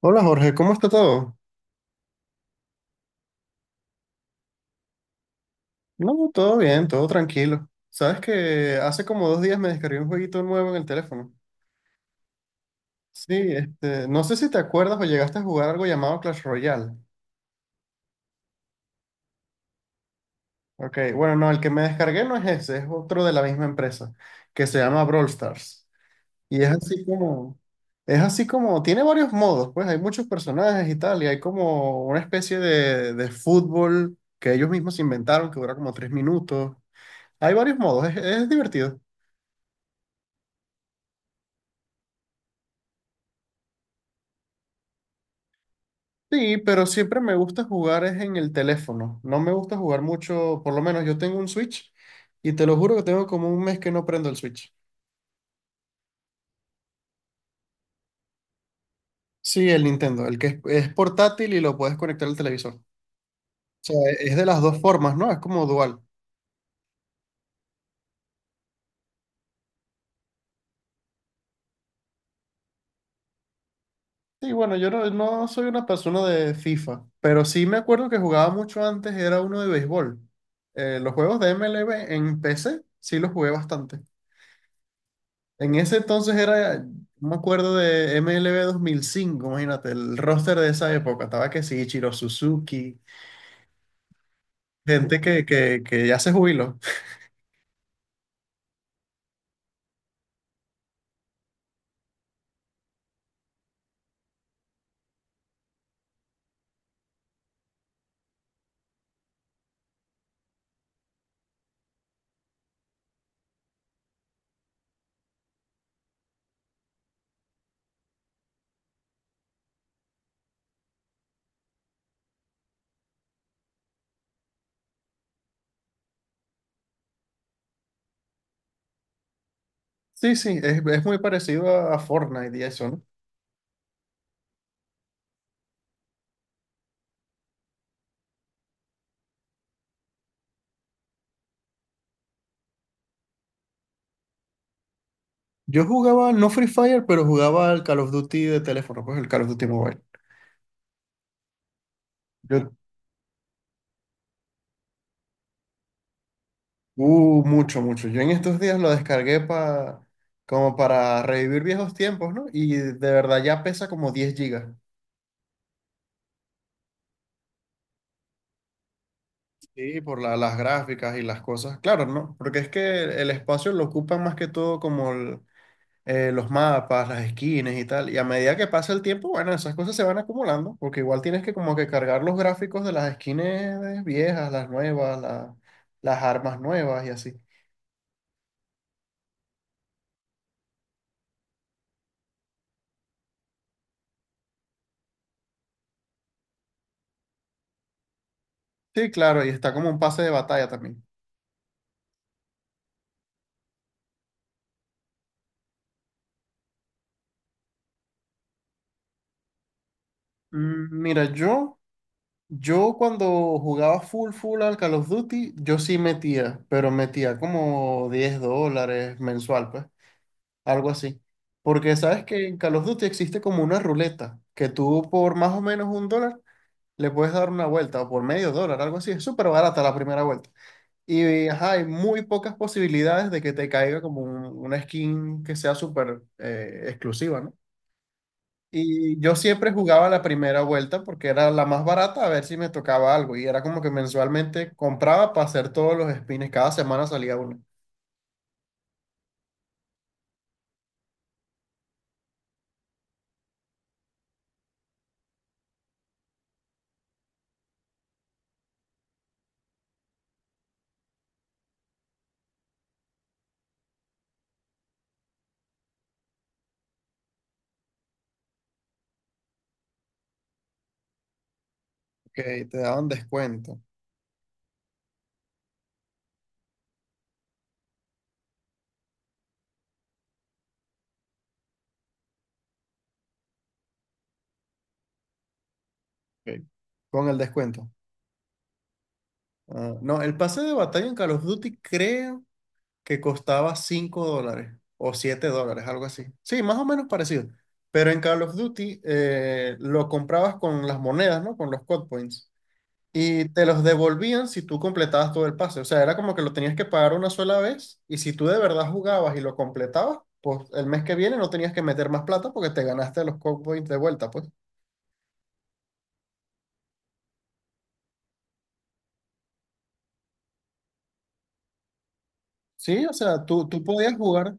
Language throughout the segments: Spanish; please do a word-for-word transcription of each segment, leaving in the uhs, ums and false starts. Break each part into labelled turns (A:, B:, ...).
A: Hola Jorge, ¿cómo está todo? No, todo bien, todo tranquilo. Sabes que hace como dos días me descargué un jueguito nuevo en el teléfono. Sí, este, no sé si te acuerdas o llegaste a jugar algo llamado Clash Royale. Ok, bueno, no, el que me descargué no es ese, es otro de la misma empresa, que se llama Brawl Stars. Y es así como, es así como, tiene varios modos, pues hay muchos personajes y tal, y hay como una especie de, de fútbol que ellos mismos inventaron, que dura como tres minutos. Hay varios modos, es es divertido. Sí, pero siempre me gusta jugar es en el teléfono. No me gusta jugar mucho, por lo menos yo tengo un Switch y te lo juro que tengo como un mes que no prendo el Switch. Sí, el Nintendo, el que es, es portátil y lo puedes conectar al televisor. O sea, es de las dos formas, ¿no? Es como dual. Sí, bueno, yo no, no soy una persona de FIFA, pero sí me acuerdo que jugaba mucho antes, era uno de béisbol. Eh, los juegos de M L B en P C sí los jugué bastante. En ese entonces era, No me acuerdo de M L B cinco. Imagínate, el roster de esa época, estaba que sí, Ichiro Suzuki, gente que, que, que ya se jubiló. Sí, sí, es, es muy parecido a, a Fortnite y eso, ¿no? Yo jugaba, no Free Fire, pero jugaba al Call of Duty de teléfono, pues el Call of Duty Mobile. Yo, uh, mucho, mucho. Yo en estos días lo descargué pa- como para revivir viejos tiempos, ¿no? Y de verdad ya pesa como diez gigas. Sí, por la- las gráficas y las cosas. Claro, ¿no? Porque es que el espacio lo ocupan más que todo como el- eh, los mapas, las esquinas y tal. Y a medida que pasa el tiempo, bueno, esas cosas se van acumulando, porque igual tienes que como que cargar los gráficos de las esquinas viejas, las nuevas, la- las armas nuevas y así. Sí, claro, y está como un pase de batalla también. Mm, Mira, yo, yo cuando jugaba full full al Call of Duty, yo sí metía, pero metía como diez dólares mensual, pues. Algo así. Porque sabes que en Call of Duty existe como una ruleta que tú por más o menos un dólar le puedes dar una vuelta o por medio dólar, algo así. Es súper barata la primera vuelta. Y ajá, hay muy pocas posibilidades de que te caiga como un- una skin que sea súper eh, exclusiva, ¿no? Y yo siempre jugaba la primera vuelta porque era la más barata a ver si me tocaba algo. Y era como que mensualmente compraba para hacer todos los spins. Cada semana salía uno. Que te daban descuento. Ok. Con el descuento. Ah, no, el pase de batalla en Call of Duty creo que costaba cinco dólares o siete dólares, algo así. Sí, más o menos parecido. Pero en Call of Duty eh, lo comprabas con las monedas, ¿no? Con los code points. Y te los devolvían si tú completabas todo el pase. O sea, era como que lo tenías que pagar una sola vez y si tú de verdad jugabas y lo completabas, pues el mes que viene no tenías que meter más plata porque te ganaste los code points de vuelta, pues. Sí, o sea, tú, tú podías jugar.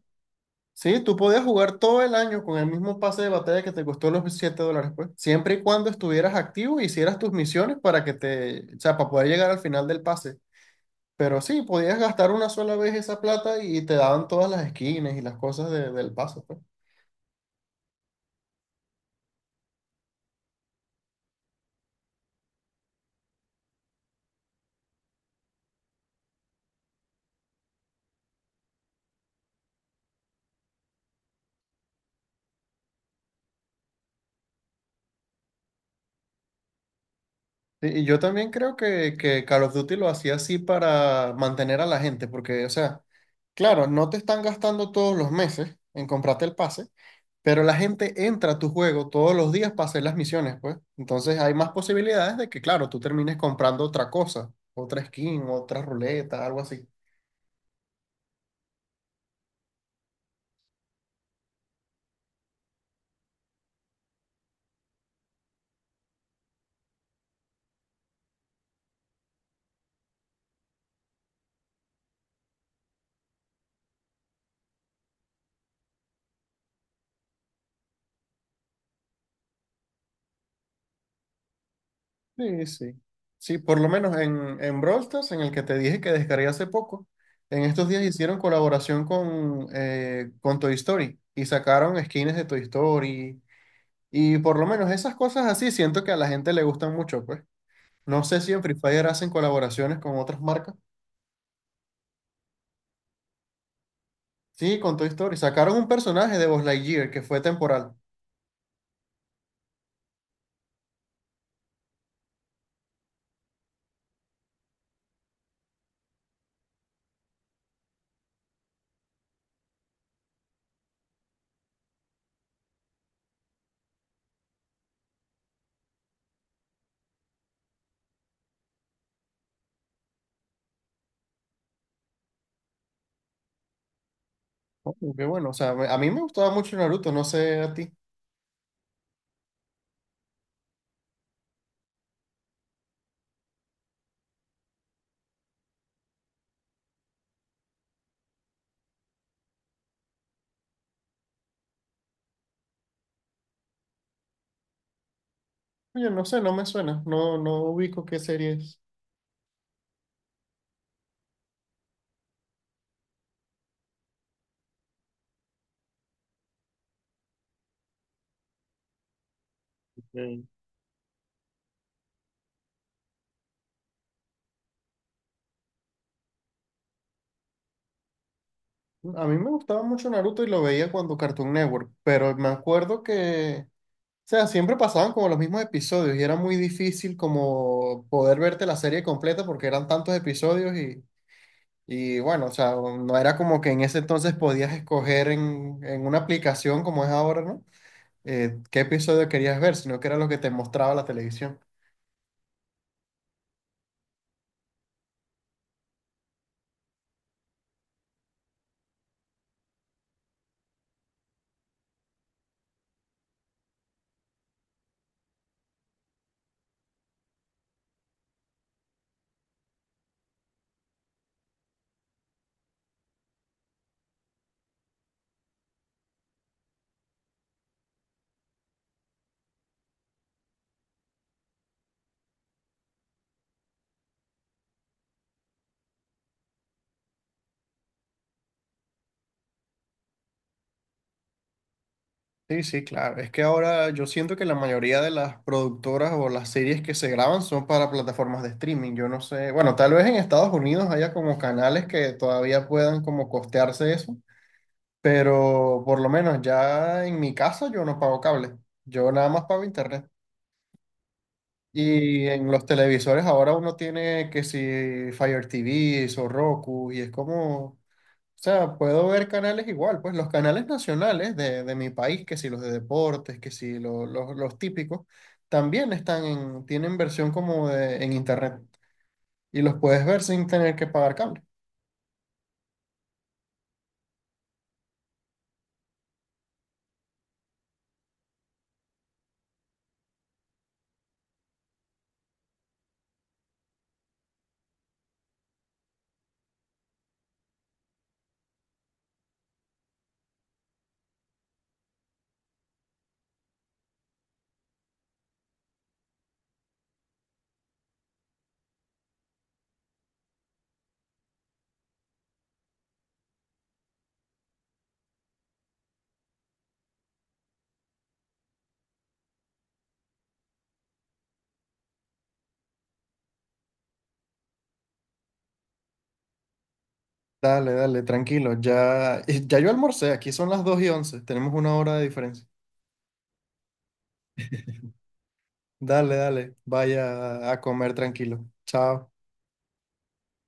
A: Sí, tú podías jugar todo el año con el mismo pase de batalla que te costó los siete dólares, pues. Siempre y cuando estuvieras activo y hicieras tus misiones para que te, o sea, para poder llegar al final del pase. Pero sí, podías gastar una sola vez esa plata y te daban todas las skins y las cosas de- del pase, pues. Sí, y yo también creo que, que Call of Duty lo hacía así para mantener a la gente, porque, o sea, claro, no te están gastando todos los meses en comprarte el pase, pero la gente entra a tu juego todos los días para hacer las misiones, pues. Entonces hay más posibilidades de que, claro, tú termines comprando otra cosa, otra skin, otra ruleta, algo así. Sí, sí. Sí, por lo menos en, en Brawl Stars, en el que te dije que descargué hace poco, en estos días hicieron colaboración con, eh, con Toy Story y sacaron skins de Toy Story. Y por lo menos esas cosas así siento que a la gente le gustan mucho, pues. No sé si en Free Fire hacen colaboraciones con otras marcas. Sí, con Toy Story. Sacaron un personaje de Buzz Lightyear que fue temporal. Oh, qué bueno, o sea, me- a mí me gustaba mucho Naruto, no sé a ti. Oye, no sé, no me suena, no, no ubico qué serie es. Ok. A mí me gustaba mucho Naruto y lo veía cuando Cartoon Network, pero me acuerdo que, o sea, siempre pasaban como los mismos episodios y era muy difícil como poder verte la serie completa porque eran tantos episodios y, y bueno, o sea, no era como que en ese entonces podías escoger en, en una aplicación como es ahora, ¿no? Eh, ¿qué episodio querías ver?, sino que era lo que te mostraba la televisión. Sí, sí, claro. Es que ahora yo siento que la mayoría de las productoras o las series que se graban son para plataformas de streaming. Yo no sé, bueno, tal vez en Estados Unidos haya como canales que todavía puedan como costearse eso, pero por lo menos ya en mi caso yo no pago cable, yo nada más pago internet. Y en los televisores ahora uno tiene que si Fire T V o Roku y es como... O sea, puedo ver canales igual, pues los canales nacionales de, de mi país, que si los de deportes, que si lo- los los típicos, también están en, tienen versión como de, en internet y los puedes ver sin tener que pagar cable. Dale, dale, tranquilo, ya, y ya yo almorcé, aquí son las dos y once, tenemos una hora de diferencia. Dale, dale, vaya a comer tranquilo. Chao.